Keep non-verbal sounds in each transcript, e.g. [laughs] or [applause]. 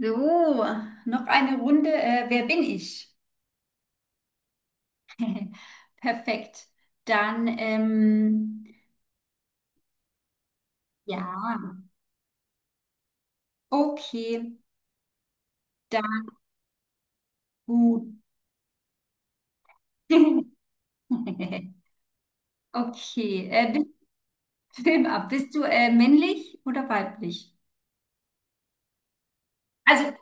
So, noch eine Runde. Wer bin ich? [laughs] Perfekt. Dann, ähm, ja, okay, dann gut. [laughs] Okay, bist, Film ab. Bist du männlich oder weiblich? Also,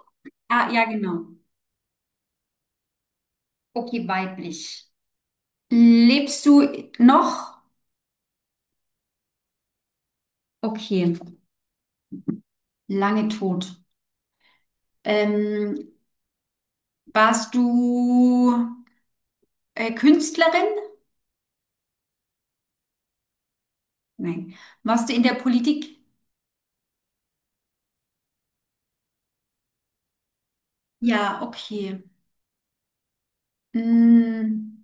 ah, ja, genau. Okay, weiblich. Lebst du noch? Okay, lange tot. Ähm, Warst du Künstlerin? Nein. Warst du in der Politik? Ja, okay. Mm,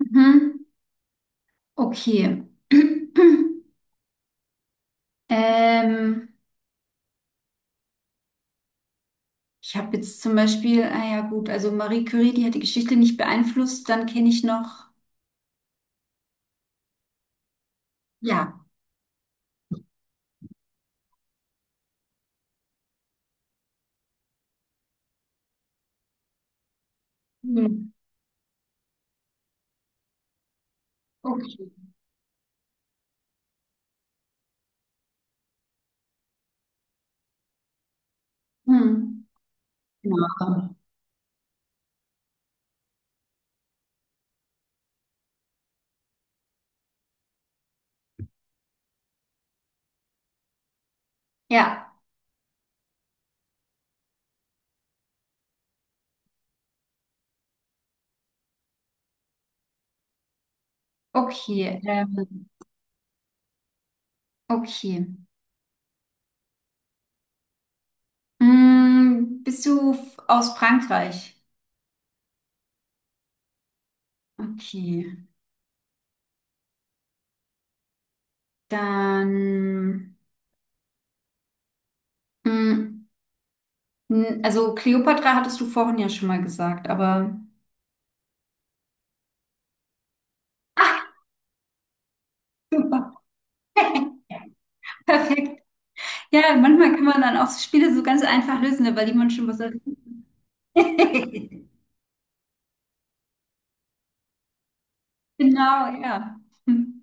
mhm. Okay. [clears throat] Ähm, Ich habe jetzt zum Beispiel, ah ja gut, also Marie Curie, die hat die Geschichte nicht beeinflusst, dann kenne ich noch, ja. Hm. Okay. Hm. Genau. Ja, okay. Okay. Mm, bist du f- aus Frankreich? Okay. Dann, mm, n- also Kleopatra hattest du vorhin ja schon mal gesagt, aber [laughs] Perfekt. Ja, manchmal kann man dann auch so Spiele so ganz einfach lösen, ne, weil die man schon was hat. [laughs] Genau, ja. Hm.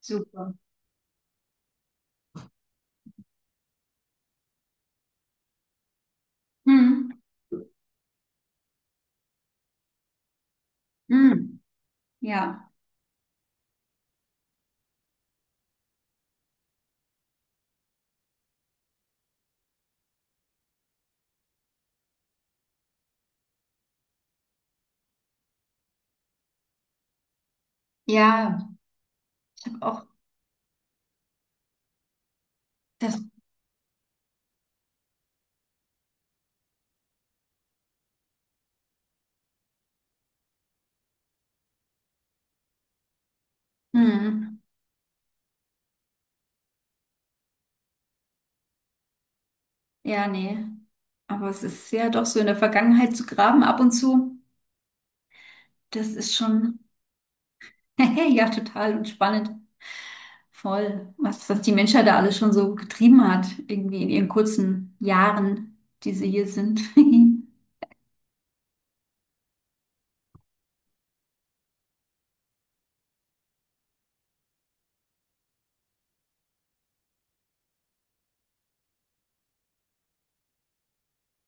Super. Hm. Hm. Ja. Ja, auch das. Hm. Ja, nee. Aber es ist ja doch so in der Vergangenheit zu graben ab und zu. Das ist schon, [laughs] ja, total und spannend. Voll. Was die Menschheit da alles schon so getrieben hat, irgendwie in ihren kurzen Jahren, die sie hier sind. [laughs]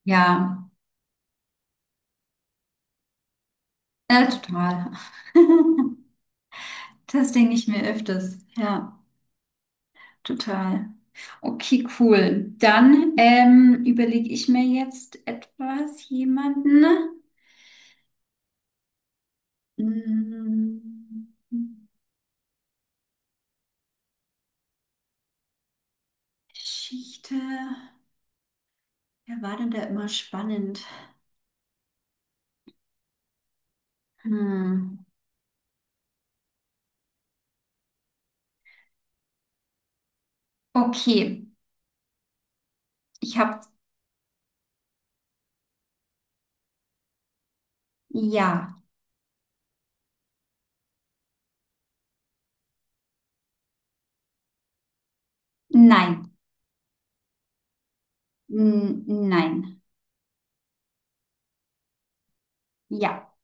Ja. Ja, total. [laughs] Das denke ich mir öfters. Ja, total. Okay, cool. Dann überlege ich mir jetzt etwas, jemanden. Hm, Geschichte. Wer war denn da immer spannend? Hm. Okay, ich habe ja, nein, N nein, ja,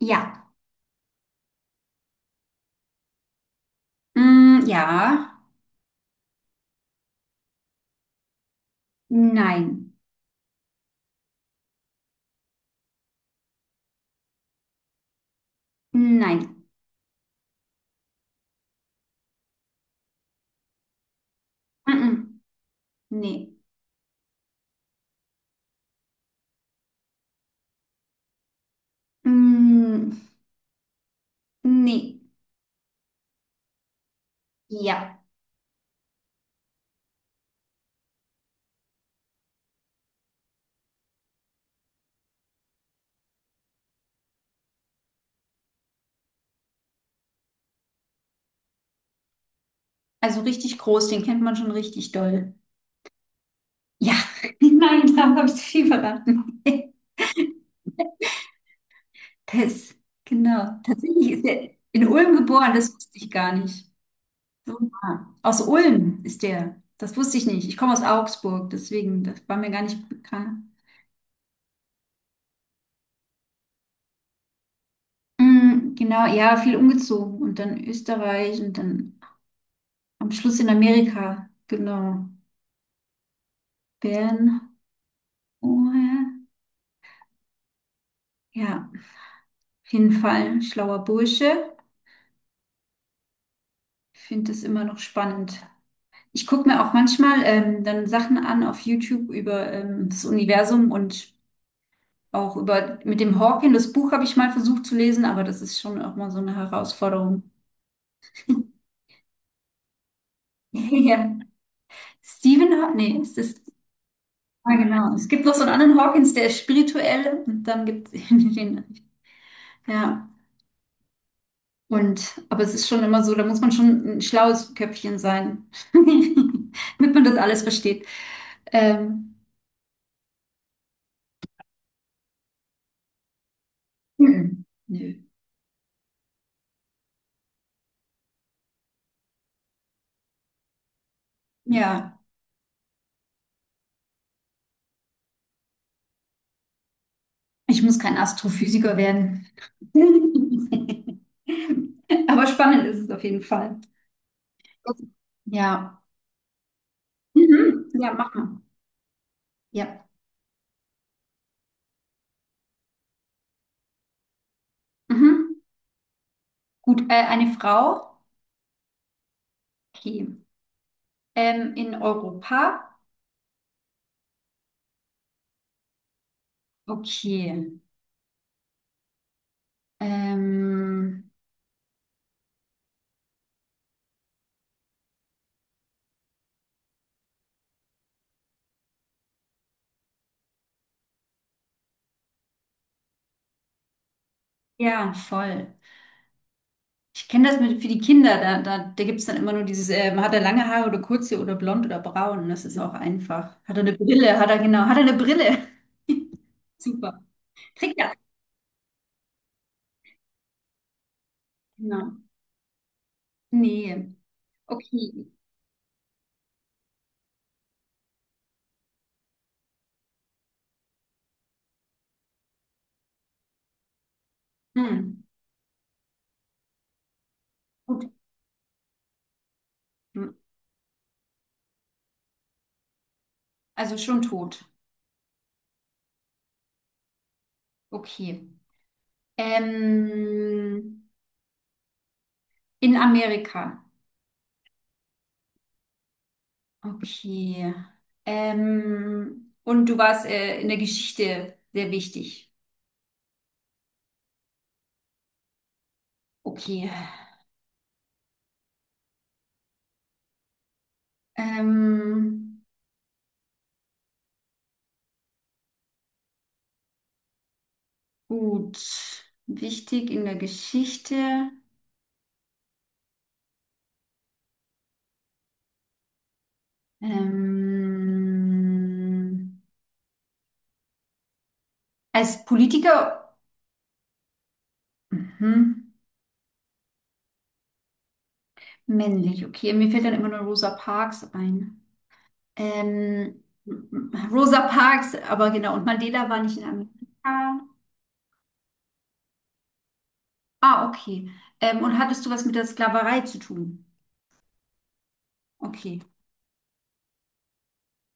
ja, mm, ja, nein, nein, mm, mm, nee. Mm, nee, ja. Also richtig groß, den kennt man schon richtig doll. Ja, [laughs] nein, da habe ich zu viel verraten. [laughs] Pess, genau. Tatsächlich ist er in Ulm geboren, das wusste ich gar nicht. So nah. Aus Ulm ist der. Das wusste ich nicht. Ich komme aus Augsburg, deswegen, das war mir gar nicht bekannt. Mm, genau, ja, viel umgezogen und dann Österreich und dann am Schluss in Amerika. Genau. Bern. Oh, ja. Ja, auf jeden Fall ein schlauer Bursche. Ich finde das immer noch spannend. Ich gucke mir auch manchmal dann Sachen an auf YouTube über das Universum und auch über mit dem Hawking. Das Buch habe ich mal versucht zu lesen, aber das ist schon auch mal so eine Herausforderung. [laughs] Ja. Stephen Haw- nee, es ist, ah, genau. Es gibt noch so einen anderen Hawkins, der ist spirituell und dann gibt es [laughs] den, ja. Und, aber es ist schon immer so, da muss man schon ein schlaues Köpfchen sein, [laughs] damit man das alles versteht. Ähm, mhm. Nö. Ja. Ich muss kein Astrophysiker werden. [laughs] Aber spannend ist es auf jeden Fall. Ja. Mhm. Ja, mach mal. Ja. Mhm. Gut, eine Frau. Okay. In Europa. Okay. Ähm, ja, voll. Ich kenne das mit, für die Kinder. Da gibt es dann immer nur dieses, hat er lange Haare oder kurze oder blond oder braun. Das ist auch einfach. Hat er eine Brille? Hat er genau. Hat er eine Brille? [laughs] Super. Kriegt er. Genau. Nee. Okay. Hm. Gut. Hm. Also schon tot. Okay. Ähm, in Amerika. Okay. Und du warst in der Geschichte sehr wichtig. Okay. Ähm, gut. Wichtig in der Geschichte. Ähm, als Politiker. Mhm. Männlich. Okay. Mir fällt dann immer nur Rosa Parks ein. Ähm, Rosa Parks, aber genau, und Mandela war nicht in Amerika. Ah, okay. Und hattest du was mit der Sklaverei zu tun? Okay.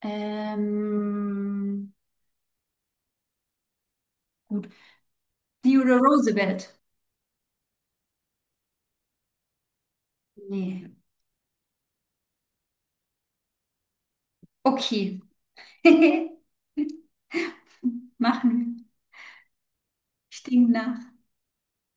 Ähm, gut. Theodore Roosevelt? Nee. Okay. [laughs] Machen wir. Ich denke nach.